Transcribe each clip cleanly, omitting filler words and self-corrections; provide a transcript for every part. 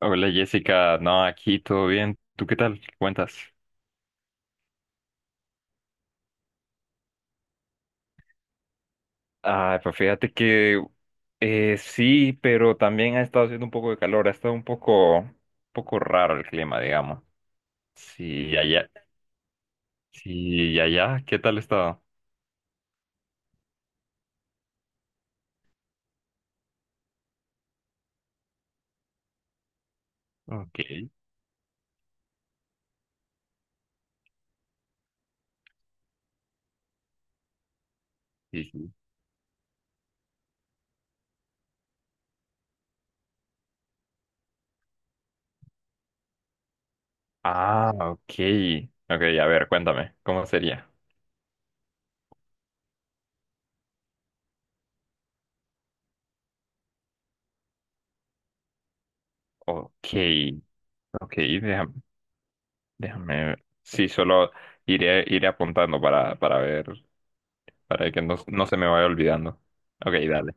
Hola Jessica, no, aquí todo bien. ¿Tú qué tal? ¿Qué cuentas? Ah, pues fíjate que sí, pero también ha estado haciendo un poco de calor, ha estado un poco raro el clima, digamos. Sí, allá, sí, allá, ¿qué tal ha estado? Ok, sí, sí. Ah, ok, ok, a ver, cuéntame, ¿cómo sería? Ok, ok, déjame, déjame, sí, solo iré, iré apuntando para ver, para que no, no se me vaya olvidando. Ok, dale.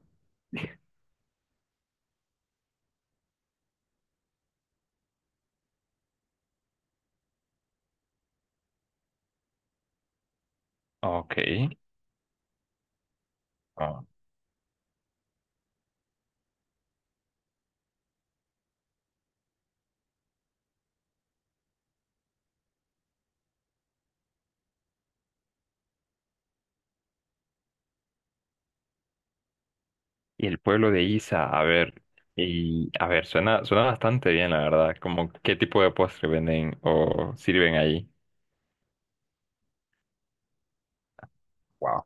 Ok. Ah, y el pueblo de Isa, a ver, y a ver, suena, suena bastante bien, la verdad. ¿Como qué tipo de postre venden o sirven allí? Wow.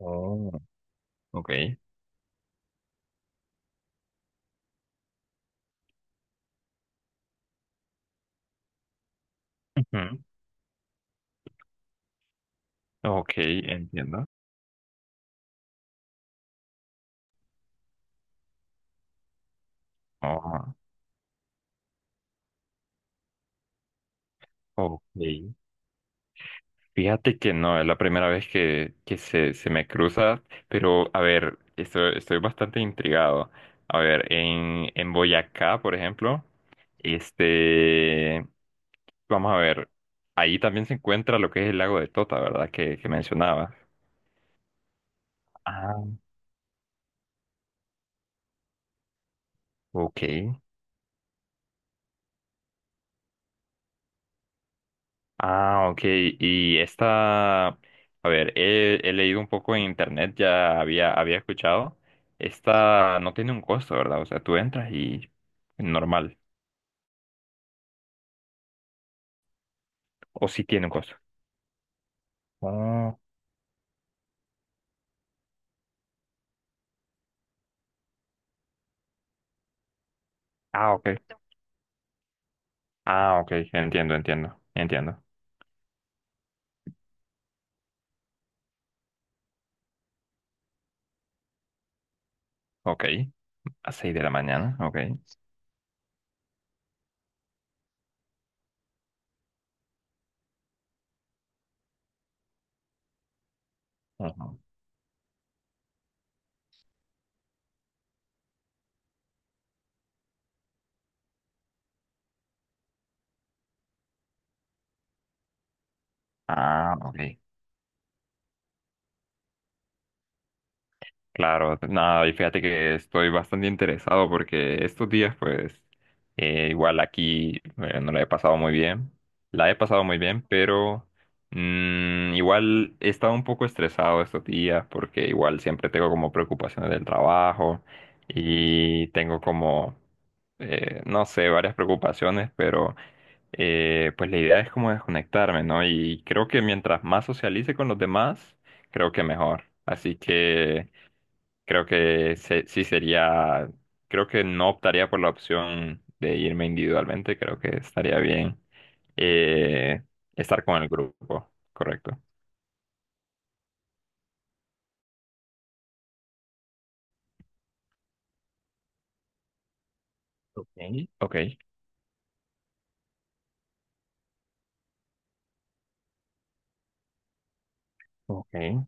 Oh, ok. Ujú. Ok, entiendo. Ah, ok. Fíjate que no, es la primera vez que se me cruza, pero a ver, estoy, estoy bastante intrigado. A ver, en Boyacá, por ejemplo. Este, vamos a ver, ahí también se encuentra lo que es el lago de Tota, ¿verdad? Que mencionabas. Ah, ok. Ah, ok. Y esta, a ver, he, he leído un poco en internet, ya había, había escuchado. Esta no tiene un costo, ¿verdad? O sea, tú entras y normal. ¿O sí tiene un costo? Oh, ah, ok. Ah, ok. Entiendo, entiendo. Entiendo. Ok. A 6 de la mañana. Ok. Ujú. Ah, ok. Claro, nada, y fíjate que estoy bastante interesado porque estos días, pues, igual aquí no la he pasado muy bien, la he pasado muy bien, pero igual he estado un poco estresado estos días porque igual siempre tengo como preocupaciones del trabajo y tengo como, no sé, varias preocupaciones, pero pues la idea es como desconectarme, ¿no? Y creo que mientras más socialice con los demás, creo que mejor. Así que creo que sí sería, creo que no optaría por la opción de irme individualmente, creo que estaría bien eh, estar con el grupo, correcto. Ok, ok, ok,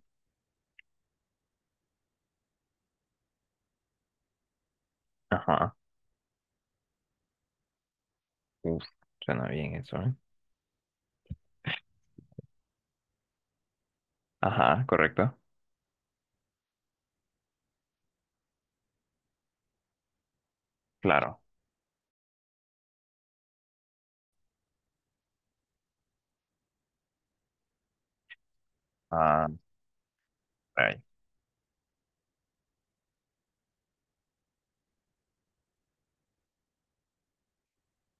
ajá, uf, suena bien eso, ¿eh? Ajá, correcto, claro. Ah, ay,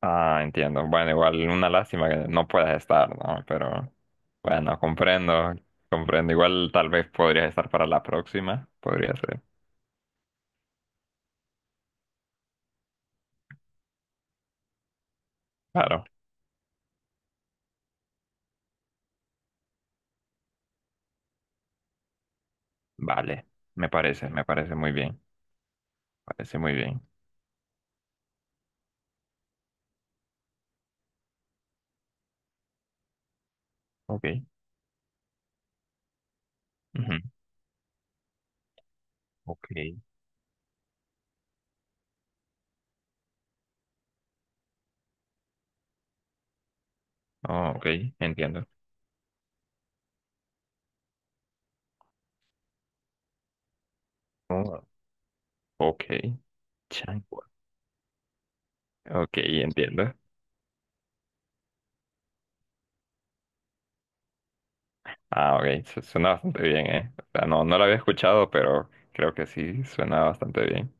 ah, entiendo. Bueno, igual una lástima que no puedas estar, ¿no? Pero bueno, comprendo, comprendo. Igual tal vez podrías estar para la próxima, podría ser. Claro. Vale, me parece muy bien, parece muy bien. Ok, ujú, ok, oh, ok, entiendo. Oh, ok, changua. Ok, entiendo. Ah, ok, suena bastante bien, ¿eh? O sea, no, no lo había escuchado, pero creo que sí suena bastante bien.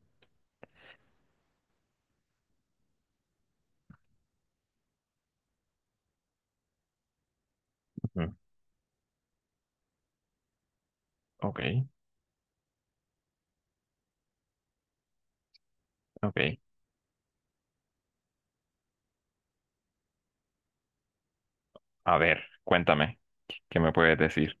Ujú, ok, ok. A ver, cuéntame, ¿qué me puedes decir?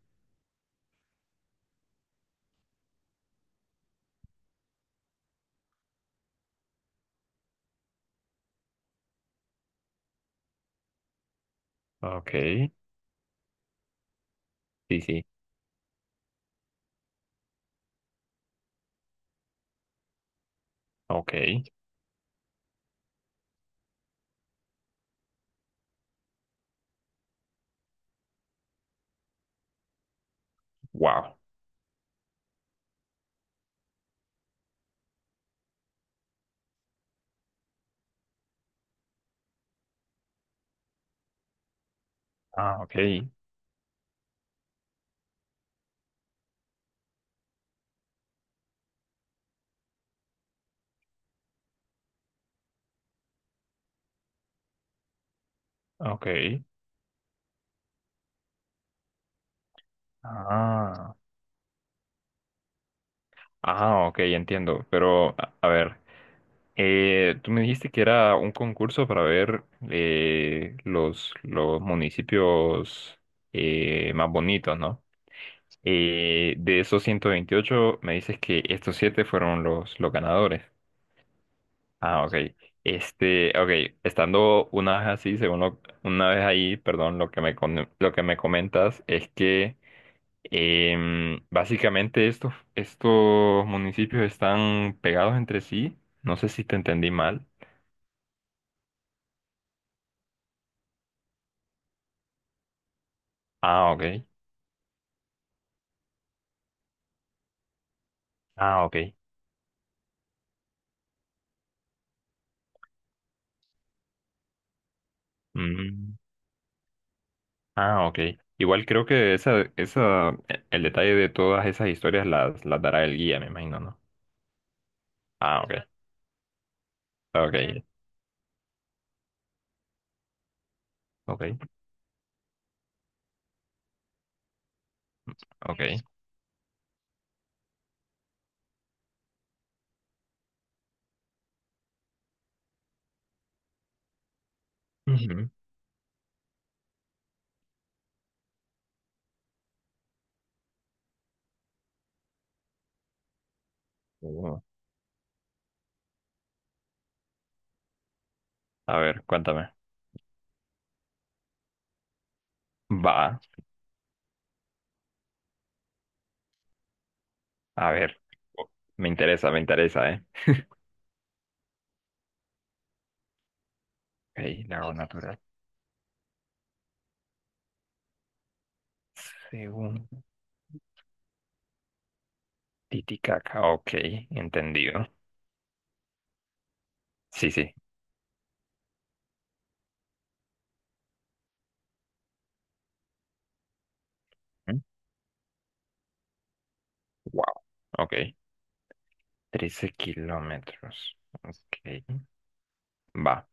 Ok, sí, sí, ok, wow. Ah, ok, ok. Ah. Ah, ok, entiendo. Pero, a ver, tú me dijiste que era un concurso para ver los municipios más bonitos, ¿no? De esos 128, me dices que estos siete fueron los ganadores. Ah, ok. Este, ok, estando una vez así, según una vez ahí, perdón, lo que me, lo que me comentas es que básicamente estos, estos municipios están pegados entre sí. No sé si te entendí mal. Ah, ok. Ah, ok. Mm, ah, ok. Igual creo que esa, el detalle de todas esas historias las dará el guía, me imagino, ¿no? Ah, ok. Ok, ok, ok. Ujú. Ujú. A ver, cuéntame. Va, a ver. Oh, me interesa, me interesa, ¿eh? Ok, lago natural. Según Titicaca, ok, entendido. Sí, sí. ¿Mm? Wow, ok, 13 kilómetros. Ok. Va.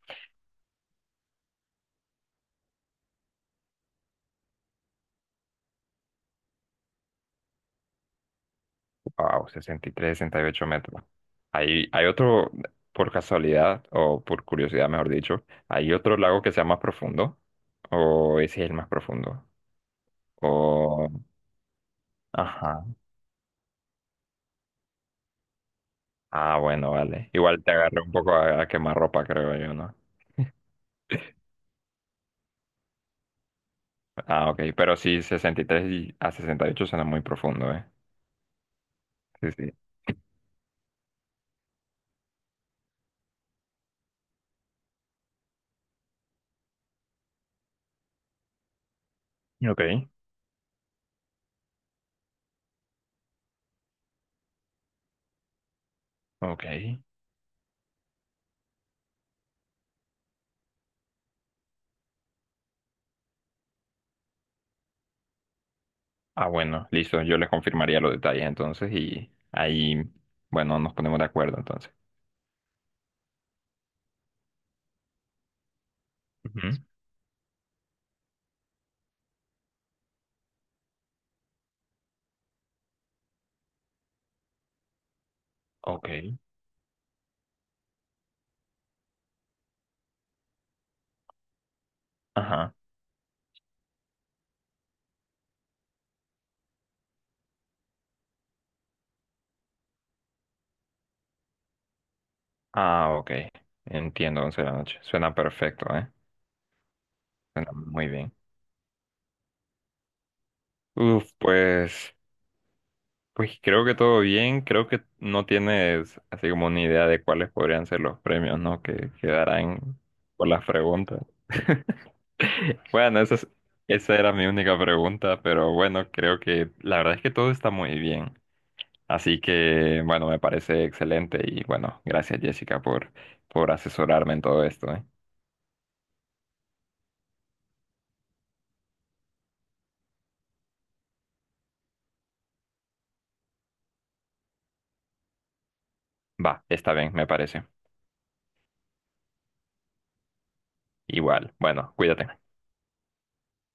Wow, 63 68 metros. Hay, hay otro, por casualidad, o por curiosidad, mejor dicho, ¿hay otro lago que sea más profundo? ¿O ese es el más profundo? O... Ajá. Ah, bueno, vale. Igual te agarré un poco a quemarropa, creo yo, ¿no? Ah, ok. Pero sí, 63 y a 68 suena muy profundo, ¿eh? Sí, sí. Ok. Ok. Ah, bueno, listo. Yo les confirmaría los detalles entonces y ahí, bueno, nos ponemos de acuerdo entonces. Ujú. Ok. Ajá. Ah, ok. Entiendo, 11 de la noche. Suena perfecto, ¿eh? Suena muy bien. Uf, pues, pues creo que todo bien. Creo que no tienes así como una idea de cuáles podrían ser los premios, ¿no? Que quedarán por las preguntas. Bueno, esa era mi única pregunta, pero bueno, creo que la verdad es que todo está muy bien. Así que, bueno, me parece excelente y bueno, gracias Jessica por asesorarme en todo esto, ¿eh? Va, está bien, me parece. Igual, bueno, cuídate.